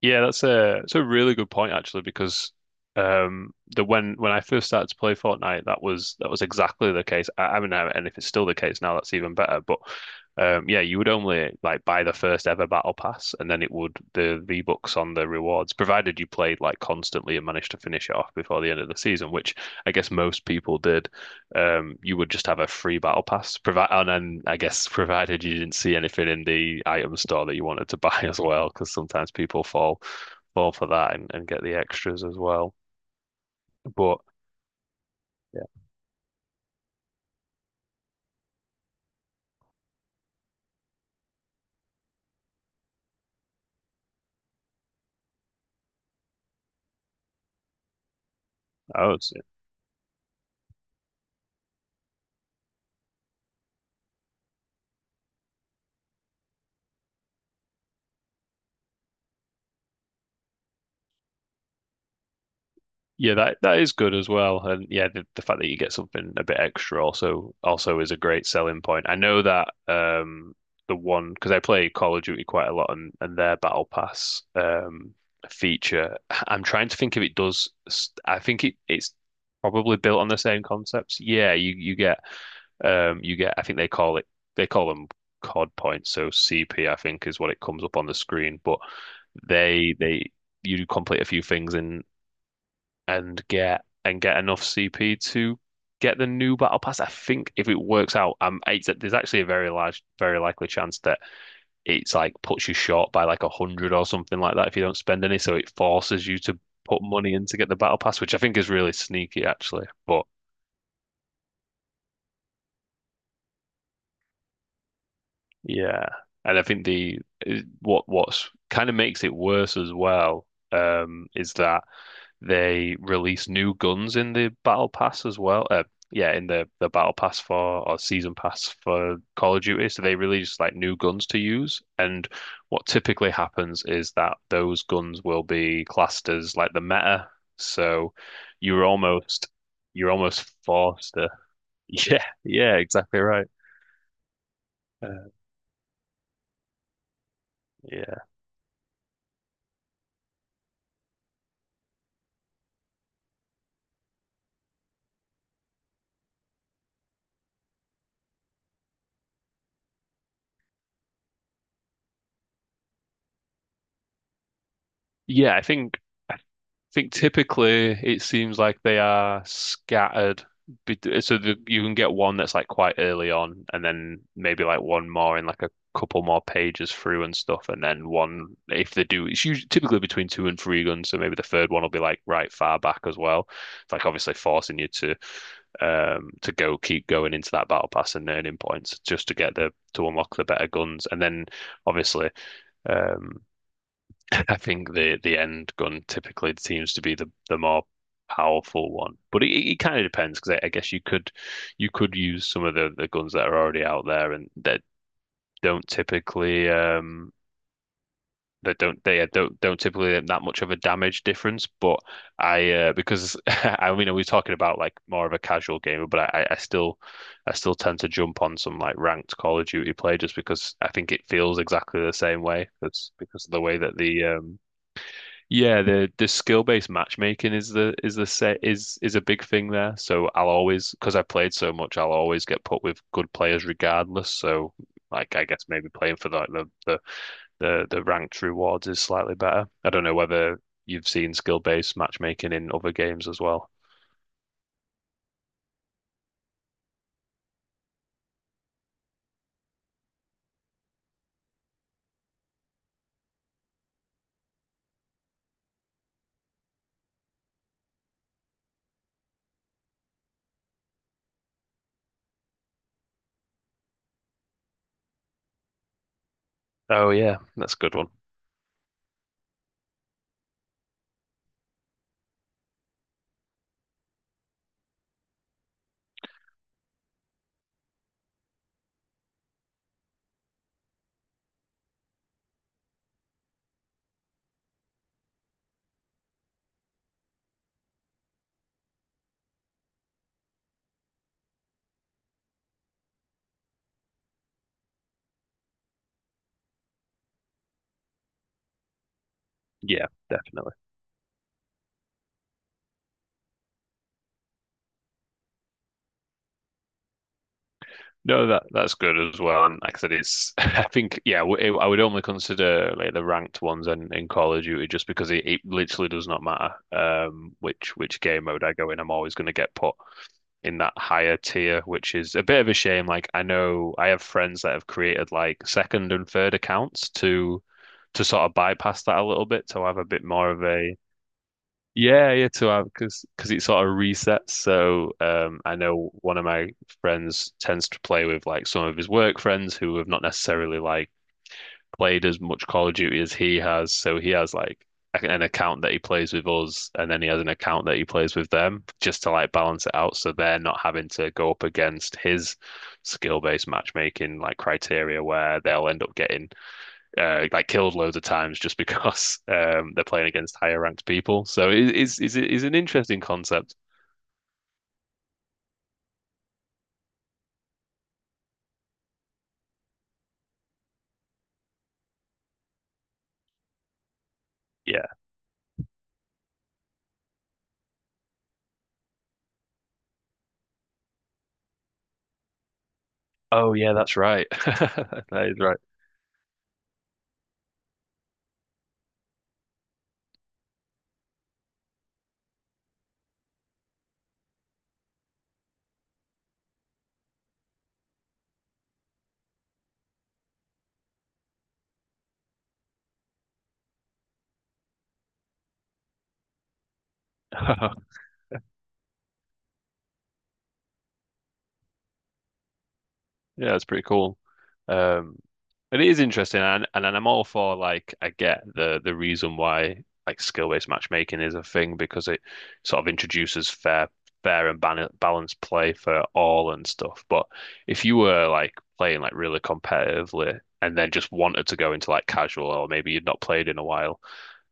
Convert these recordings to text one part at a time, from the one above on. Yeah, that's a it's a really good point actually because the when I first started to play Fortnite that was exactly the case. I mean, and if it's still the case now, that's even better. But yeah, you would only like buy the first ever battle pass, and then it would the V-Bucks on the rewards, provided you played like constantly and managed to finish it off before the end of the season, which I guess most people did. You would just have a free battle pass. And then I guess provided you didn't see anything in the item store that you wanted to buy as well, because sometimes people fall for that and get the extras as well. But yeah, I would say. Yeah, that is good as well, and yeah, the fact that you get something a bit extra also is a great selling point. I know that the one, because I play Call of Duty quite a lot, and their Battle Pass feature, I'm trying to think if it does. I think it's probably built on the same concepts. Yeah, you get you get, I think they call it, they call them COD points, so CP I think is what it comes up on the screen, but they you complete a few things in and get, and get enough CP to get the new battle pass. I think if it works out, it's, there's actually a very large, very likely chance that it's like puts you short by like a hundred or something like that if you don't spend any. So it forces you to put money in to get the battle pass, which I think is really sneaky actually. But yeah, and I think the what what's kind of makes it worse as well, is that they released new guns in the battle pass as well. Yeah, in the battle pass for, or season pass for, Call of Duty. So they released like new guns to use. And what typically happens is that those guns will be classed as like the meta. So you're almost you're almost forced to. Yeah, yeah, exactly right. Uh, yeah, yeah. I think, typically it seems like they are scattered. So the, you can get one that's like quite early on, and then maybe like one more in like a couple more pages through and stuff, and then one, if they do, it's usually typically between two and three guns. So maybe the third one will be like right far back as well. It's like obviously forcing you to go, keep going into that battle pass and earning points just to get the to unlock the better guns, and then obviously um I think the end gun typically seems to be the more powerful one, but it kind of depends because I guess you could, you could use some of the guns that are already out there and that don't typically that don't, they don't typically have that much of a damage difference. But I, because I mean we're talking about like more of a casual gamer, but I still, I still tend to jump on some like ranked Call of Duty play just because I think it feels exactly the same way. That's because of the way that the yeah, the skill-based matchmaking is the set is a big thing there. So I'll always, because I played so much, I'll always get put with good players regardless. So like I guess maybe playing for like the the ranked rewards is slightly better. I don't know whether you've seen skill-based matchmaking in other games as well. Oh yeah, that's a good one. Yeah, definitely. No, that that's good as well. And like I said, it's I think yeah, it, I would only consider like the ranked ones in Call of Duty just because it literally does not matter which game mode I go in. I'm always going to get put in that higher tier, which is a bit of a shame. Like I know I have friends that have created like second and third accounts to sort of bypass that a little bit to have a bit more of a, yeah, yeah, 2 hours, because it sort of resets. So I know one of my friends tends to play with like some of his work friends who have not necessarily like played as much Call of Duty as he has. So he has like an account that he plays with us, and then he has an account that he plays with them just to like balance it out, so they're not having to go up against his skill-based matchmaking like criteria where they'll end up getting like killed loads of times just because they're playing against higher ranked people. So it is an interesting concept. Yeah. Oh yeah, that's right. That is right. Yeah, that's pretty cool. Um, it is interesting, and I'm all for like, I get the reason why like skill-based matchmaking is a thing because it sort of introduces fair and ban balanced play for all and stuff. But if you were like playing like really competitively and then just wanted to go into like casual, or maybe you'd not played in a while,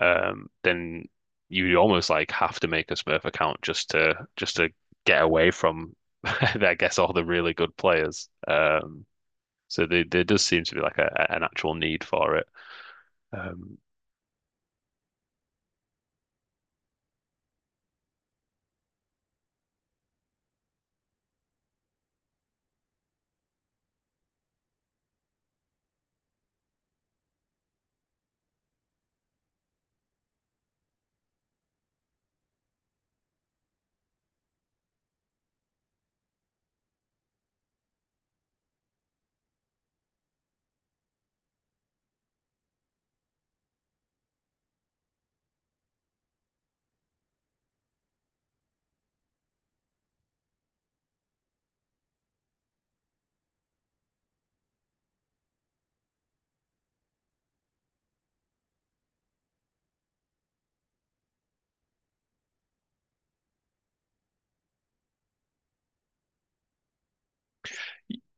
then you almost like have to make a Smurf account just to, just to get away from, I guess, all the really good players. So there does seem to be like an actual need for it. Um,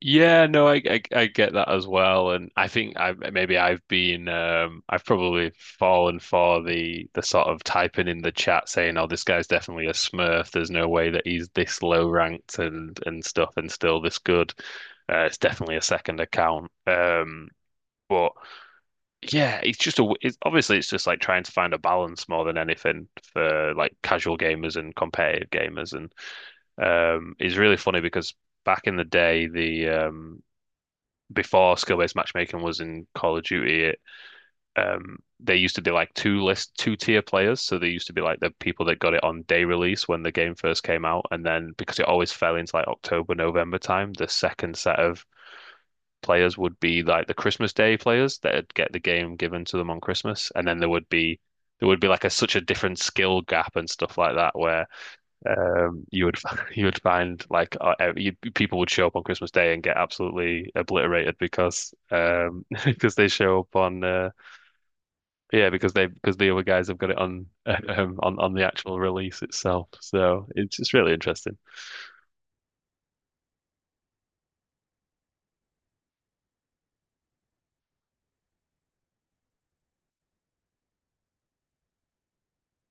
Yeah, no, I get that as well, and I think I maybe I've been I've probably fallen for the sort of typing in the chat saying, "Oh, this guy's definitely a Smurf. There's no way that he's this low ranked and stuff and still this good. It's definitely a second account." But yeah, it's just a. it's obviously it's just like trying to find a balance more than anything for like casual gamers and competitive gamers, and it's really funny because back in the day the before skill-based matchmaking was in Call of Duty, they used to be like two tier players. So they used to be like the people that got it on day release when the game first came out, and then because it always fell into like October, November time, the second set of players would be like the Christmas Day players that'd get the game given to them on Christmas, and then there would be like a such a different skill gap and stuff like that where you would you would find like people would show up on Christmas Day and get absolutely obliterated because because they show up on yeah, because the other guys have got it on on the actual release itself. So it's just really interesting.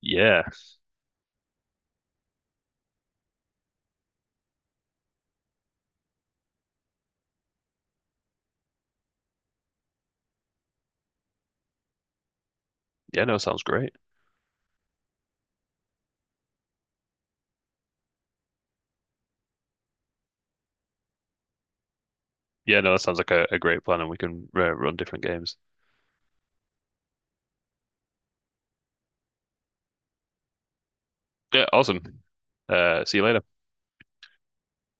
Yeah, yeah, no, sounds great. Yeah, no, that sounds like a great plan, and we can run different games. Yeah, awesome. See you later.